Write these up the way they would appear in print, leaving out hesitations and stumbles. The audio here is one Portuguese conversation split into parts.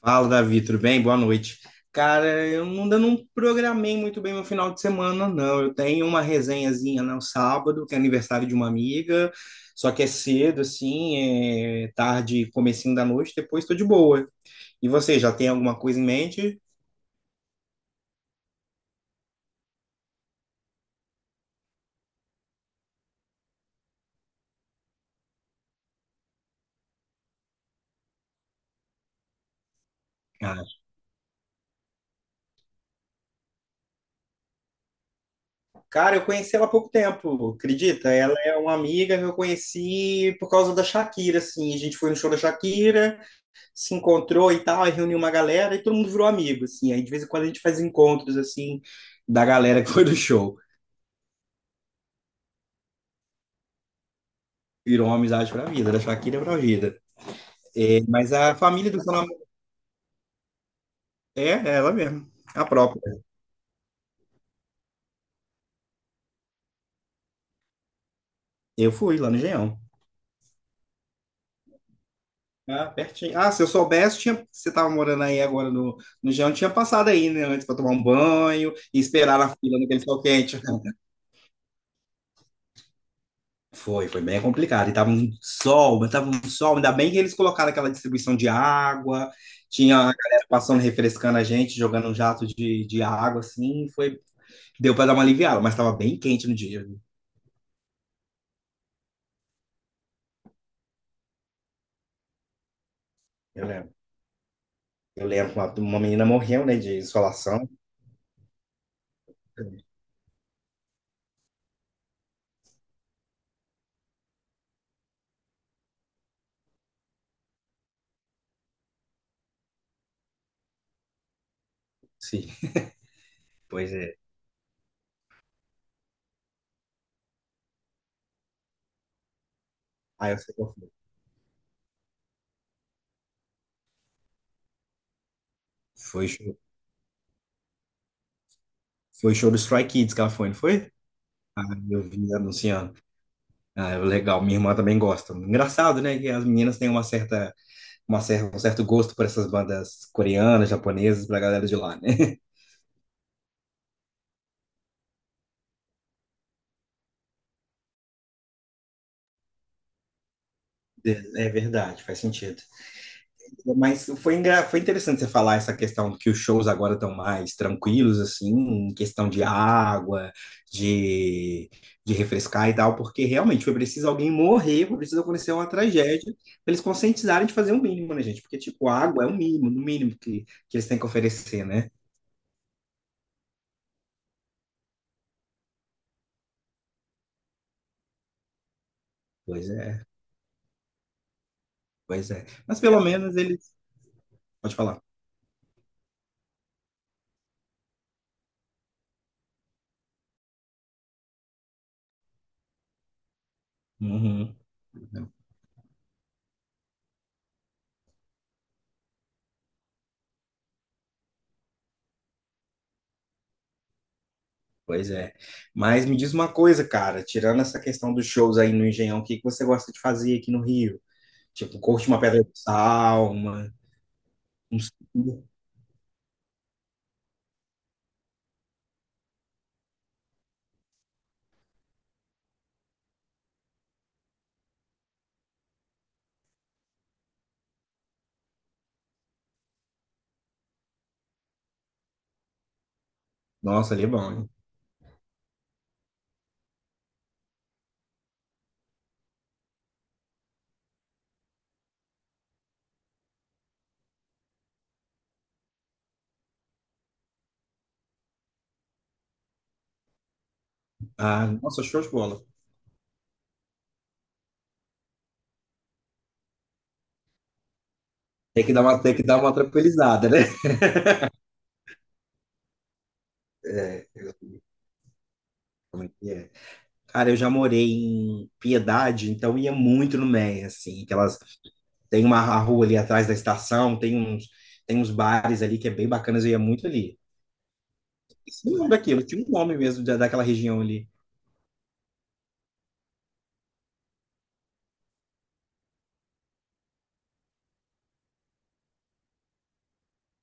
Fala, Davi, tudo bem? Boa noite. Cara, eu ainda não programei muito bem meu final de semana, não. Eu tenho uma resenhazinha no sábado, que é aniversário de uma amiga, só que é cedo, assim, é tarde, comecinho da noite, depois tô de boa. E você, já tem alguma coisa em mente? Ah, cara, eu conheci ela há pouco tempo, acredita? Ela é uma amiga que eu conheci por causa da Shakira, assim. A gente foi no show da Shakira, se encontrou e tal, aí reuniu uma galera e todo mundo virou amigo, assim. Aí de vez em quando a gente faz encontros, assim, da galera que foi do show. Virou uma amizade pra vida, da Shakira pra vida. É, mas a família do seu namorado é ela mesmo, a própria. Eu fui lá no Engenhão. Ah, pertinho. Ah, se eu soubesse, tinha... você tava morando aí agora no Engenhão, tinha passado aí, né, antes pra tomar um banho e esperar na fila naquele sol quente. Foi, foi bem complicado. E tava um sol, mas tava um sol. Ainda bem que eles colocaram aquela distribuição de água. Tinha a galera passando, refrescando a gente, jogando um jato de água, assim. Foi, deu para dar uma aliviada, mas tava bem quente no dia, viu? Eu lembro. Eu lembro que uma menina morreu, né, de insolação. Sim, pois é. Aí eu sei qual foi. Foi show, foi show do Stray Kids que ela foi, não foi? Aí eu vi anunciando. Ah, legal. Minha irmã também gosta. Engraçado, né, que as meninas têm uma certa um certo gosto por essas bandas coreanas, japonesas, pra galera de lá, né? É é verdade, faz sentido. Mas foi, foi interessante você falar essa questão que os shows agora estão mais tranquilos, assim, em questão de água, de, de refrescar e tal, porque realmente foi preciso alguém morrer, foi preciso acontecer uma tragédia, pra eles conscientizarem de fazer o mínimo, né, gente? Porque, tipo, água é o mínimo, no mínimo que eles têm que oferecer, né? Pois é, pois é. Mas pelo menos eles. Pode falar. Uhum. Pois é. Mas me diz uma coisa, cara, tirando essa questão dos shows aí no Engenhão, o que que você gosta de fazer aqui no Rio? Tipo, curte uma pedra de sal, uma... um... Nossa, ali é bom, hein? Ah, nossa, show de bola. Tem que dar uma, tem que dar uma tranquilizada, né? É, como é que é? Cara, eu já morei em Piedade, então ia muito no Meia, assim, que elas tem uma a rua ali atrás da estação, tem uns bares ali que é bem bacanas, eu ia muito ali. Esse nome daqui, eu tinha um nome mesmo daquela região ali.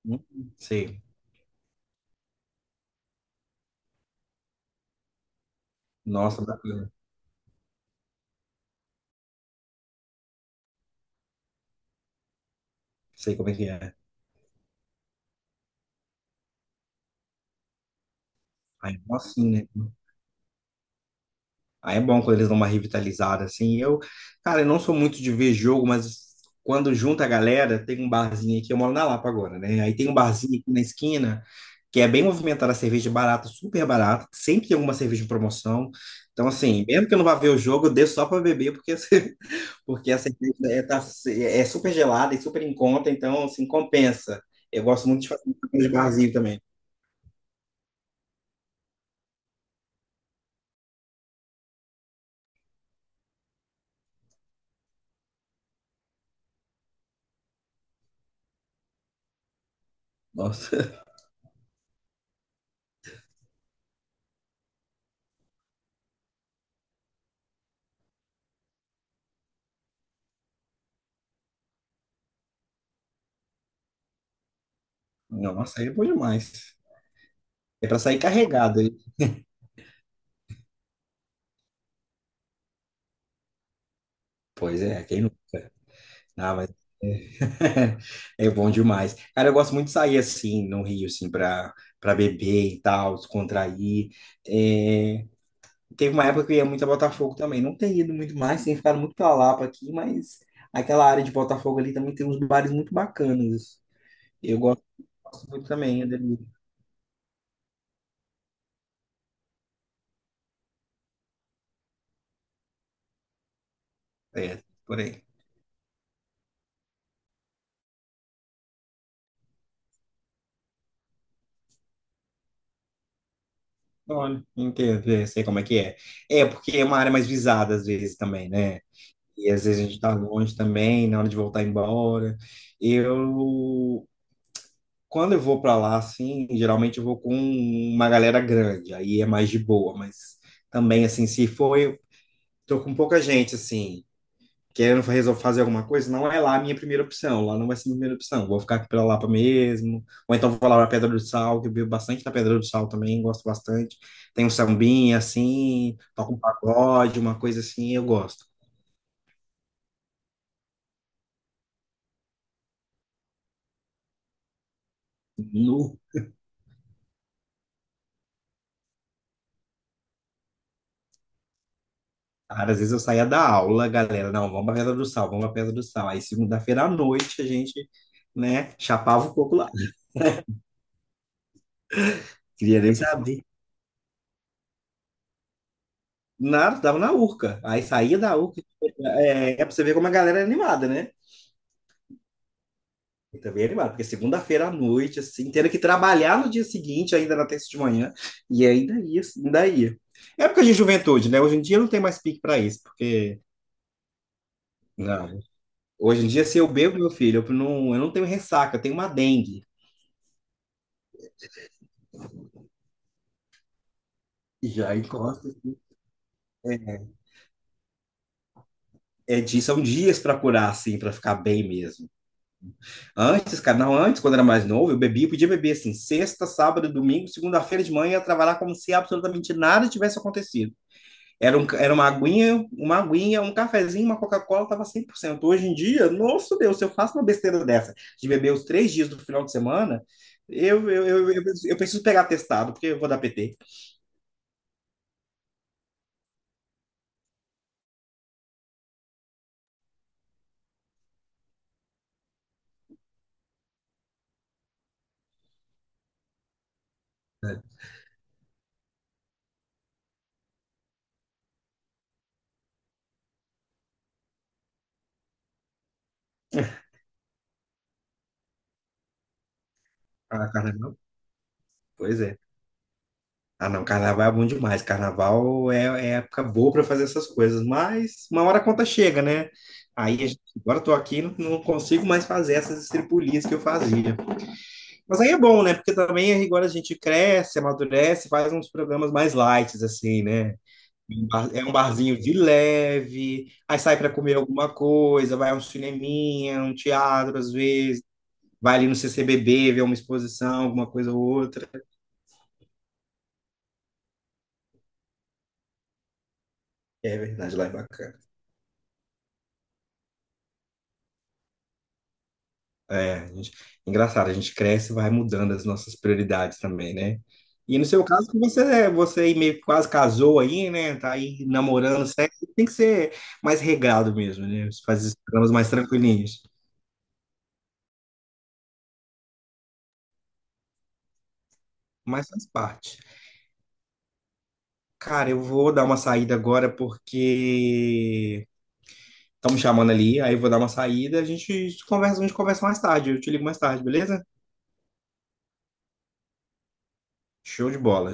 Não sei. Nossa, bacana. Sei como é que é. Aí é bom assim, né? Aí é bom quando eles dão uma revitalizada, assim. Eu, cara, eu não sou muito de ver jogo, mas quando junta a galera, tem um barzinho aqui, eu moro na Lapa agora, né? Aí tem um barzinho aqui na esquina, que é bem movimentado, a cerveja é barata, super barata, sempre tem alguma cerveja em promoção. Então, assim, mesmo que eu não vá ver o jogo, eu desço só pra beber, porque, assim, porque a cerveja é super gelada e super em conta, então, assim, compensa. Eu gosto muito de fazer de barzinho também. Nossa. Nossa, aí é bom demais. É pra sair carregado, hein? Pois é, quem nunca? Ah, mas é, é bom demais. Cara, eu gosto muito de sair assim, no Rio, assim, pra beber e tal, descontrair. É, teve uma época que eu ia muito a Botafogo também. Não tenho ido muito mais, tenho ficado muito pra Lapa aqui, mas aquela área de Botafogo ali também tem uns bares muito bacanas. Eu gosto, gosto muito também, é dali. É, por aí. Olha, entendo, é, sei como é que é. É, porque é uma área mais visada às vezes também, né? E às vezes a gente tá longe também, na hora de voltar embora. Eu, quando eu vou para lá, assim, geralmente eu vou com uma galera grande, aí é mais de boa, mas também, assim, se for, eu tô com pouca gente, assim, querendo resolver fazer alguma coisa, não é lá a minha primeira opção, lá não vai ser a minha primeira opção, vou ficar aqui pela Lapa mesmo, ou então vou lá pra Pedra do Sal, que eu bebo bastante da Pedra do Sal também, gosto bastante. Tem um sambinha, assim, toco um pagode, uma coisa assim, eu gosto. No... cara, às vezes eu saía da aula, galera, não, vamos pra Pedra do Sal, vamos pra Pedra do Sal. Aí segunda-feira à noite a gente, né, chapava o coco lá. Queria nem saber. Nada, tava na Urca. Aí saía da Urca, é, é pra você ver como a galera é animada, né? Eu também é animada, porque segunda-feira à noite, assim, tendo que trabalhar no dia seguinte, ainda na terça de manhã, e ainda ia, assim, ainda ia. É época de juventude, né? Hoje em dia não tem mais pique pra isso, porque, não. Hoje em dia, se eu bebo, meu filho, eu não tenho ressaca, eu tenho uma dengue. Já encosta. É de, são dias para curar, assim, para ficar bem mesmo. Antes, cara, não, antes, quando era mais novo, eu bebia, eu podia beber, assim, sexta, sábado, domingo, segunda-feira de manhã, ia trabalhar como se absolutamente nada tivesse acontecido. Era, um, era uma aguinha, um cafezinho, uma Coca-Cola, tava 100%. Hoje em dia, nosso Deus, se eu faço uma besteira dessa, de beber os três dias do final de semana, eu preciso pegar testado, porque eu vou dar PT. Ah, cara, não. Pois é. Ah, não, carnaval é bom demais. Carnaval é, é época boa para fazer essas coisas, mas uma hora a conta chega, né? Aí, a gente- agora eu tô aqui, não, não consigo mais fazer essas estripulias que eu fazia. Mas aí é bom, né? Porque também agora a gente cresce, amadurece, faz uns programas mais light, assim, né? É um barzinho de leve, aí sai para comer alguma coisa, vai a um cineminha, um teatro às vezes, vai ali no CCBB ver uma exposição, alguma coisa ou outra. É verdade, lá é bacana. É, a gente- engraçado, a gente cresce e vai mudando as nossas prioridades também, né? E no seu caso, que você é- você aí meio que quase casou aí, né? Tá aí namorando, sexo, tem que ser mais regrado mesmo, né? Você faz esses programas mais tranquilinhos. Mas faz parte. Cara, eu vou dar uma saída agora porque estão me chamando ali, aí eu vou dar uma saída, a gente conversa mais tarde, eu te ligo mais tarde, beleza? Show de bola.